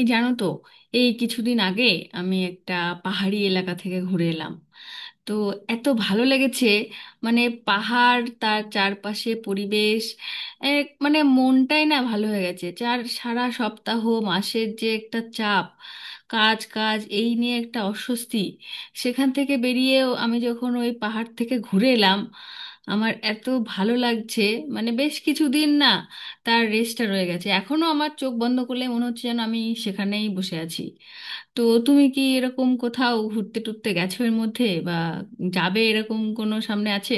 এই জানো তো, এই কিছুদিন আগে আমি একটা পাহাড়ি এলাকা থেকে ঘুরে এলাম। তো এত ভালো লেগেছে, মানে, পাহাড়, তার চারপাশে পরিবেশ, মানে মনটাই না ভালো হয়ে গেছে। সারা সপ্তাহ মাসের যে একটা চাপ, কাজ কাজ, এই নিয়ে একটা অস্বস্তি, সেখান থেকে বেরিয়েও আমি যখন ওই পাহাড় থেকে ঘুরে এলাম, আমার এত ভালো লাগছে। মানে বেশ কিছুদিন না, তার রেশটা রয়ে গেছে এখনো, আমার চোখ বন্ধ করলে মনে হচ্ছে যেন আমি সেখানেই বসে আছি। তো তুমি কি এরকম কোথাও ঘুরতে টুরতে গেছো এর মধ্যে, বা যাবে, এরকম কোনো সামনে আছে?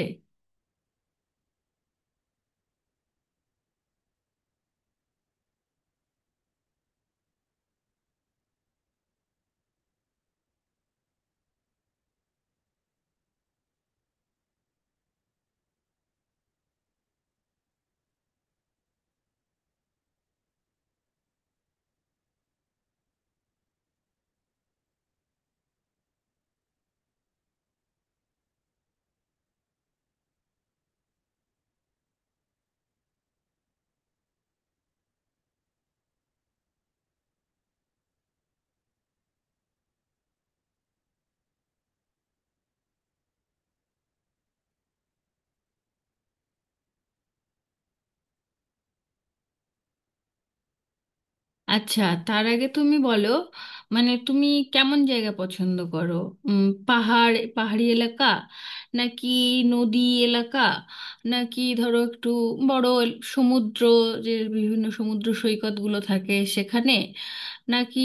আচ্ছা, তার আগে তুমি বলো, মানে তুমি কেমন জায়গা পছন্দ করো? পাহাড়, পাহাড়ি এলাকা, নাকি নদী এলাকা, নাকি ধরো একটু বড় সমুদ্র, যে বিভিন্ন সমুদ্র সৈকতগুলো থাকে সেখানে, নাকি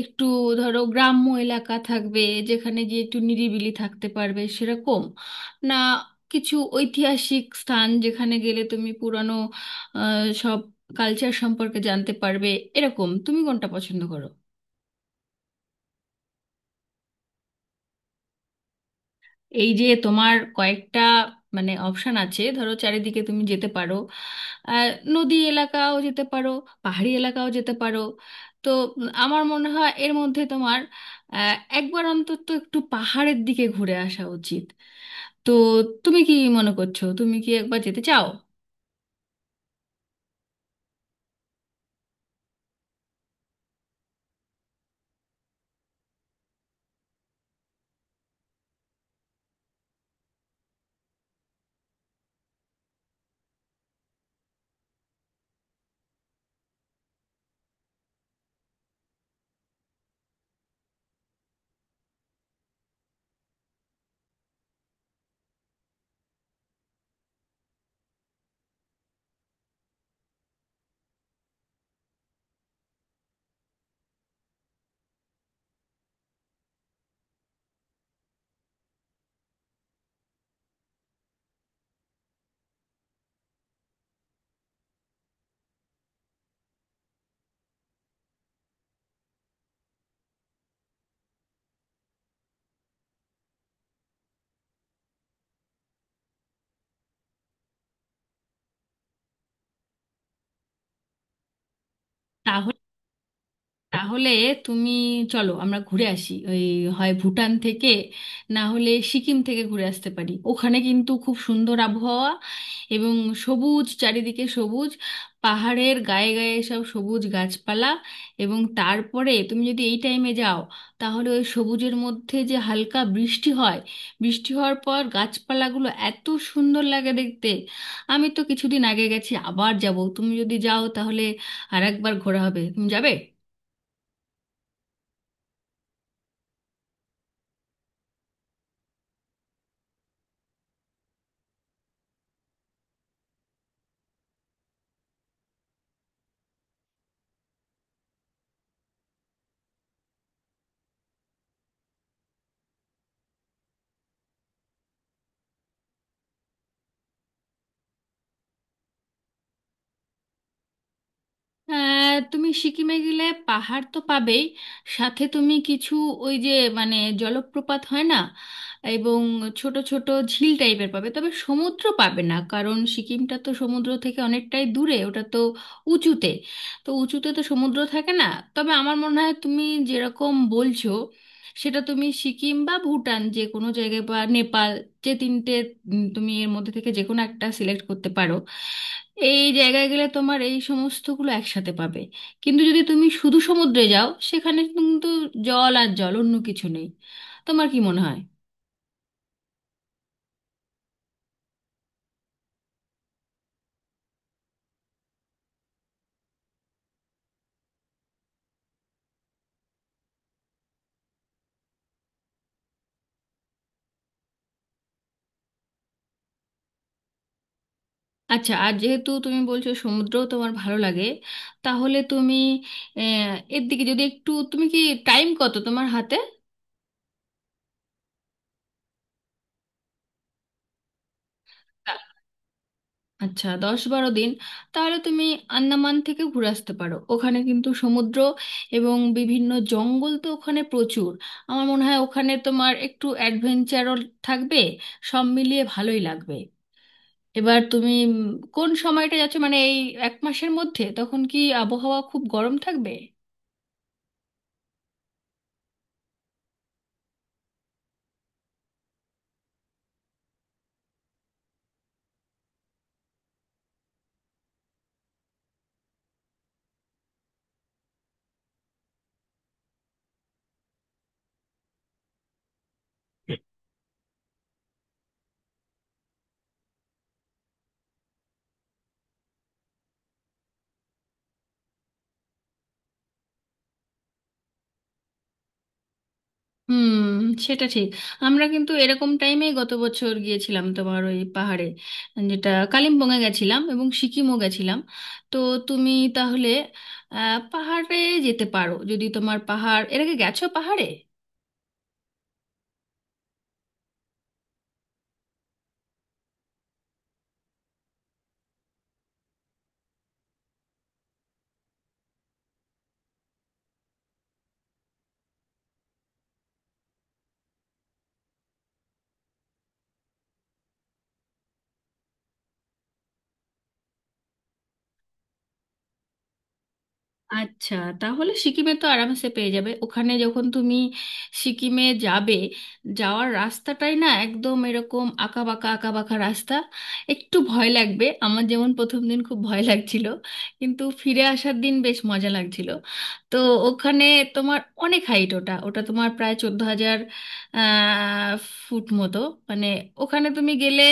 একটু ধরো গ্রাম্য এলাকা থাকবে যেখানে গিয়ে একটু নিরিবিলি থাকতে পারবে সেরকম, না কিছু ঐতিহাসিক স্থান যেখানে গেলে তুমি পুরানো কালচার সম্পর্কে জানতে পারবে, এরকম তুমি কোনটা পছন্দ করো? এই যে তোমার কয়েকটা, মানে, অপশন আছে, ধরো চারিদিকে তুমি যেতে পারো, আহ, নদী এলাকাও যেতে পারো, পাহাড়ি এলাকাও যেতে পারো। তো আমার মনে হয় এর মধ্যে তোমার আহ, একবার অন্তত একটু পাহাড়ের দিকে ঘুরে আসা উচিত। তো তুমি কি মনে করছো, তুমি কি একবার যেতে চাও? তাহলে তাহলে তুমি, চলো আমরা ঘুরে আসি, ওই হয় ভুটান থেকে, না হলে সিকিম থেকে ঘুরে আসতে পারি। ওখানে কিন্তু খুব সুন্দর আবহাওয়া, এবং সবুজ, চারিদিকে সবুজ, পাহাড়ের গায়ে গায়ে সব সবুজ গাছপালা। এবং তারপরে তুমি যদি এই টাইমে যাও, তাহলে ওই সবুজের মধ্যে যে হালকা বৃষ্টি হয়, বৃষ্টি হওয়ার পর গাছপালাগুলো এত সুন্দর লাগে দেখতে। আমি তো কিছুদিন আগে গেছি, আবার যাব। তুমি যদি যাও তাহলে আর একবার ঘোরা হবে। তুমি যাবে? তুমি সিকিমে গেলে পাহাড় তো পাবেই, সাথে তুমি কিছু ওই যে, মানে, জলপ্রপাত হয় না, এবং ছোট ছোট ঝিল টাইপের পাবে। তবে সমুদ্র পাবে না, কারণ সিকিমটা তো সমুদ্র থেকে অনেকটাই দূরে, ওটা তো উঁচুতে। তো উঁচুতে তো সমুদ্র থাকে না। তবে আমার মনে হয় তুমি যেরকম বলছো, সেটা তুমি সিকিম বা ভুটান যে কোনো জায়গায় বা নেপাল, যে তিনটে, তুমি এর মধ্যে থেকে যে কোনো একটা সিলেক্ট করতে পারো। এই জায়গায় গেলে তোমার এই সমস্তগুলো একসাথে পাবে। কিন্তু যদি তুমি শুধু সমুদ্রে যাও, সেখানে কিন্তু জল আর জল, অন্য কিছু নেই। তোমার কি মনে হয়? আচ্ছা, আর যেহেতু তুমি বলছো সমুদ্র তোমার ভালো লাগে, তাহলে তুমি আহ, এর দিকে যদি একটু, তুমি কি, টাইম কত তোমার হাতে? আচ্ছা, 10-12 দিন। তাহলে তুমি আন্দামান থেকে ঘুরে আসতে পারো। ওখানে কিন্তু সমুদ্র এবং বিভিন্ন জঙ্গল তো ওখানে প্রচুর। আমার মনে হয় ওখানে তোমার একটু অ্যাডভেঞ্চারও থাকবে, সব মিলিয়ে ভালোই লাগবে। এবার তুমি কোন সময়টা যাচ্ছ, মানে এই এক মাসের মধ্যে তখন কি আবহাওয়া খুব গরম থাকবে? হুম, সেটা ঠিক। আমরা কিন্তু এরকম টাইমেই গত বছর গিয়েছিলাম তোমার, ওই পাহাড়ে, যেটা কালিম্পংয়ে গেছিলাম এবং সিকিমও গেছিলাম। তো তুমি তাহলে পাহাড়ে যেতে পারো, যদি তোমার পাহাড়, এর আগে গেছো পাহাড়ে? আচ্ছা, তাহলে সিকিমে তো আরামসে পেয়ে যাবে। ওখানে যখন তুমি সিকিমে যাবে, যাওয়ার রাস্তাটাই না একদম এরকম আঁকা বাঁকা, আঁকা বাঁকা রাস্তা। একটু ভয় লাগবে, আমার যেমন প্রথম দিন খুব ভয় লাগছিল, কিন্তু ফিরে আসার দিন বেশ মজা লাগছিল। তো ওখানে তোমার অনেক হাইট, ওটা ওটা তোমার প্রায় 14,000 ফুট মতো। মানে ওখানে তুমি গেলে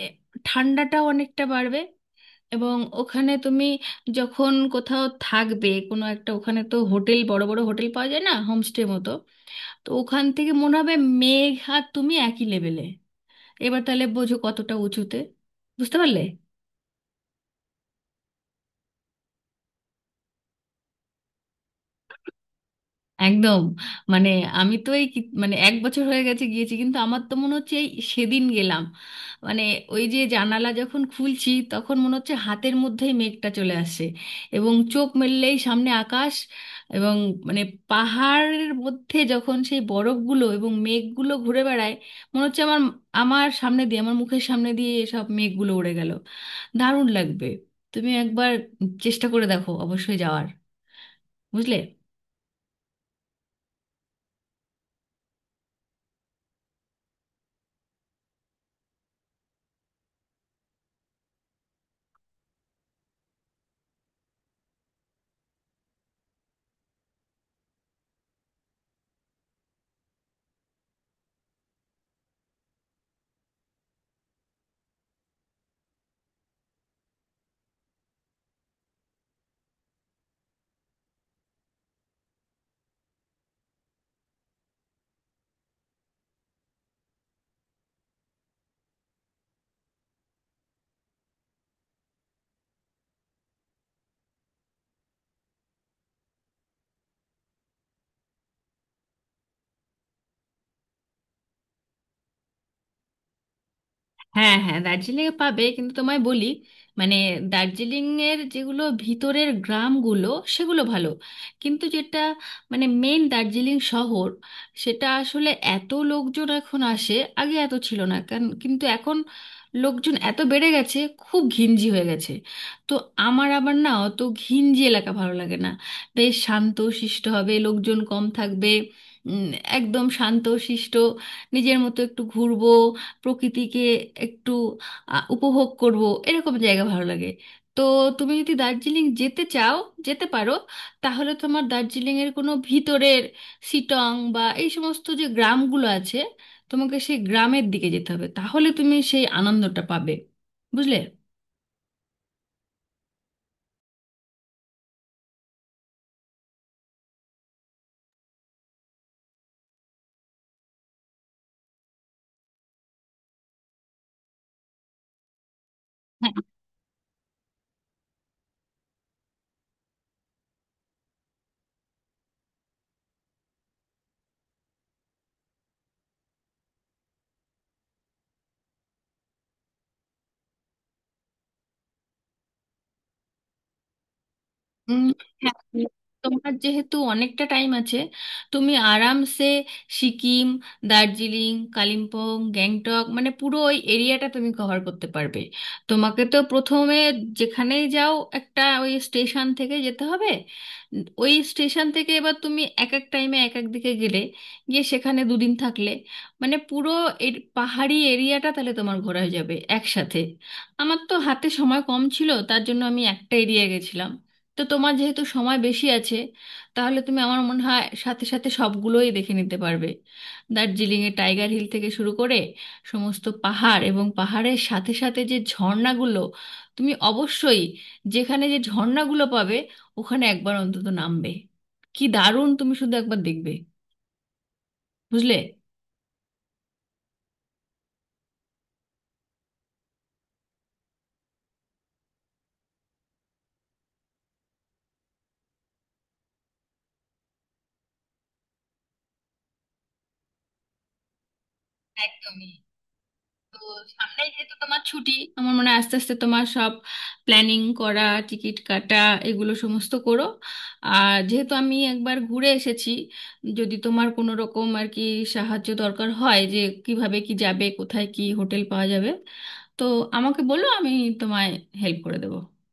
এ, ঠান্ডাটাও অনেকটা বাড়বে। এবং ওখানে তুমি যখন কোথাও থাকবে, কোনো একটা, ওখানে তো হোটেল, বড় বড় হোটেল পাওয়া যায় না, হোমস্টে মতো। তো ওখান থেকে মনে হবে মেঘ আর তুমি একই লেভেলে। এবার তাহলে বোঝো কতটা উঁচুতে। বুঝতে পারলে? একদম। মানে আমি তো এই মানে এক বছর হয়ে গেছে গিয়েছি, কিন্তু আমার তো মনে হচ্ছে এই সেদিন গেলাম। মানে ওই যে জানালা যখন খুলছি তখন মনে হচ্ছে হাতের মধ্যেই মেঘটা চলে আসে, এবং চোখ মেললেই সামনে আকাশ। এবং মানে পাহাড়ের মধ্যে যখন সেই বরফগুলো এবং মেঘগুলো ঘুরে বেড়ায়, মনে হচ্ছে আমার, আমার সামনে দিয়ে, আমার মুখের সামনে দিয়ে এসব মেঘগুলো উড়ে গেল। দারুণ লাগবে। তুমি একবার চেষ্টা করে দেখো অবশ্যই যাওয়ার। বুঝলে? হ্যাঁ, হ্যাঁ, দার্জিলিং এ পাবে, কিন্তু তোমায় বলি, মানে, দার্জিলিং এর যেগুলো ভিতরের গ্রামগুলো, সেগুলো ভালো। কিন্তু যেটা, মানে, মেন দার্জিলিং শহর, সেটা আসলে এত লোকজন এখন আসে, আগে এত ছিল না, কারণ, কিন্তু এখন লোকজন এত বেড়ে গেছে, খুব ঘিঞ্জি হয়ে গেছে। তো আমার আবার না অত ঘিঞ্জি এলাকা ভালো লাগে না। বেশ শান্ত শিষ্ট হবে, লোকজন কম থাকবে, উম, একদম শান্ত শিষ্ট, নিজের মতো একটু ঘুরবো, প্রকৃতিকে একটু উপভোগ করব, এরকম জায়গা ভালো লাগে। তো তুমি যদি দার্জিলিং যেতে চাও, যেতে পারো। তাহলে তোমার দার্জিলিংয়ের কোনো ভিতরের সিটং বা এই সমস্ত যে গ্রামগুলো আছে, তোমাকে সেই গ্রামের দিকে যেতে হবে, তাহলে তুমি সেই আনন্দটা পাবে। বুঝলে? উম, হ্যাঁ, তোমার যেহেতু অনেকটা টাইম আছে, তুমি আরামসে সিকিম, দার্জিলিং, কালিম্পং, গ্যাংটক, মানে পুরো ওই এরিয়াটা তুমি কভার করতে পারবে। তোমাকে তো প্রথমে যেখানেই যাও একটা ওই স্টেশন থেকে যেতে হবে। ওই স্টেশন থেকে এবার তুমি এক এক টাইমে এক এক দিকে গেলে, গিয়ে সেখানে দুদিন থাকলে, মানে পুরো এর পাহাড়ি এরিয়াটা তাহলে তোমার ঘোরা হয়ে যাবে একসাথে। আমার তো হাতে সময় কম ছিল, তার জন্য আমি একটা এরিয়া গেছিলাম। তো তোমার যেহেতু সময় বেশি আছে, তাহলে তুমি, আমার মনে হয়, সাথে সাথে সবগুলোই দেখে নিতে পারবে। দার্জিলিংয়ে টাইগার হিল থেকে শুরু করে সমস্ত পাহাড়, এবং পাহাড়ের সাথে সাথে যে ঝর্ণাগুলো, তুমি অবশ্যই, যেখানে যে ঝর্ণাগুলো পাবে ওখানে একবার অন্তত নামবে। কি দারুণ, তুমি শুধু একবার দেখবে। বুঝলে? একদমই। তো সামনে যেহেতু তোমার ছুটি, আমার মনে হয় আস্তে আস্তে তোমার সব প্ল্যানিং করা, টিকিট কাটা, এগুলো সমস্ত করো। আর যেহেতু আমি একবার ঘুরে এসেছি, যদি তোমার কোনো রকম আর কি সাহায্য দরকার হয়, যে কিভাবে কি যাবে, কোথায় কি হোটেল পাওয়া যাবে, তো আমাকে বলো, আমি তোমায় হেল্প করে দেবো।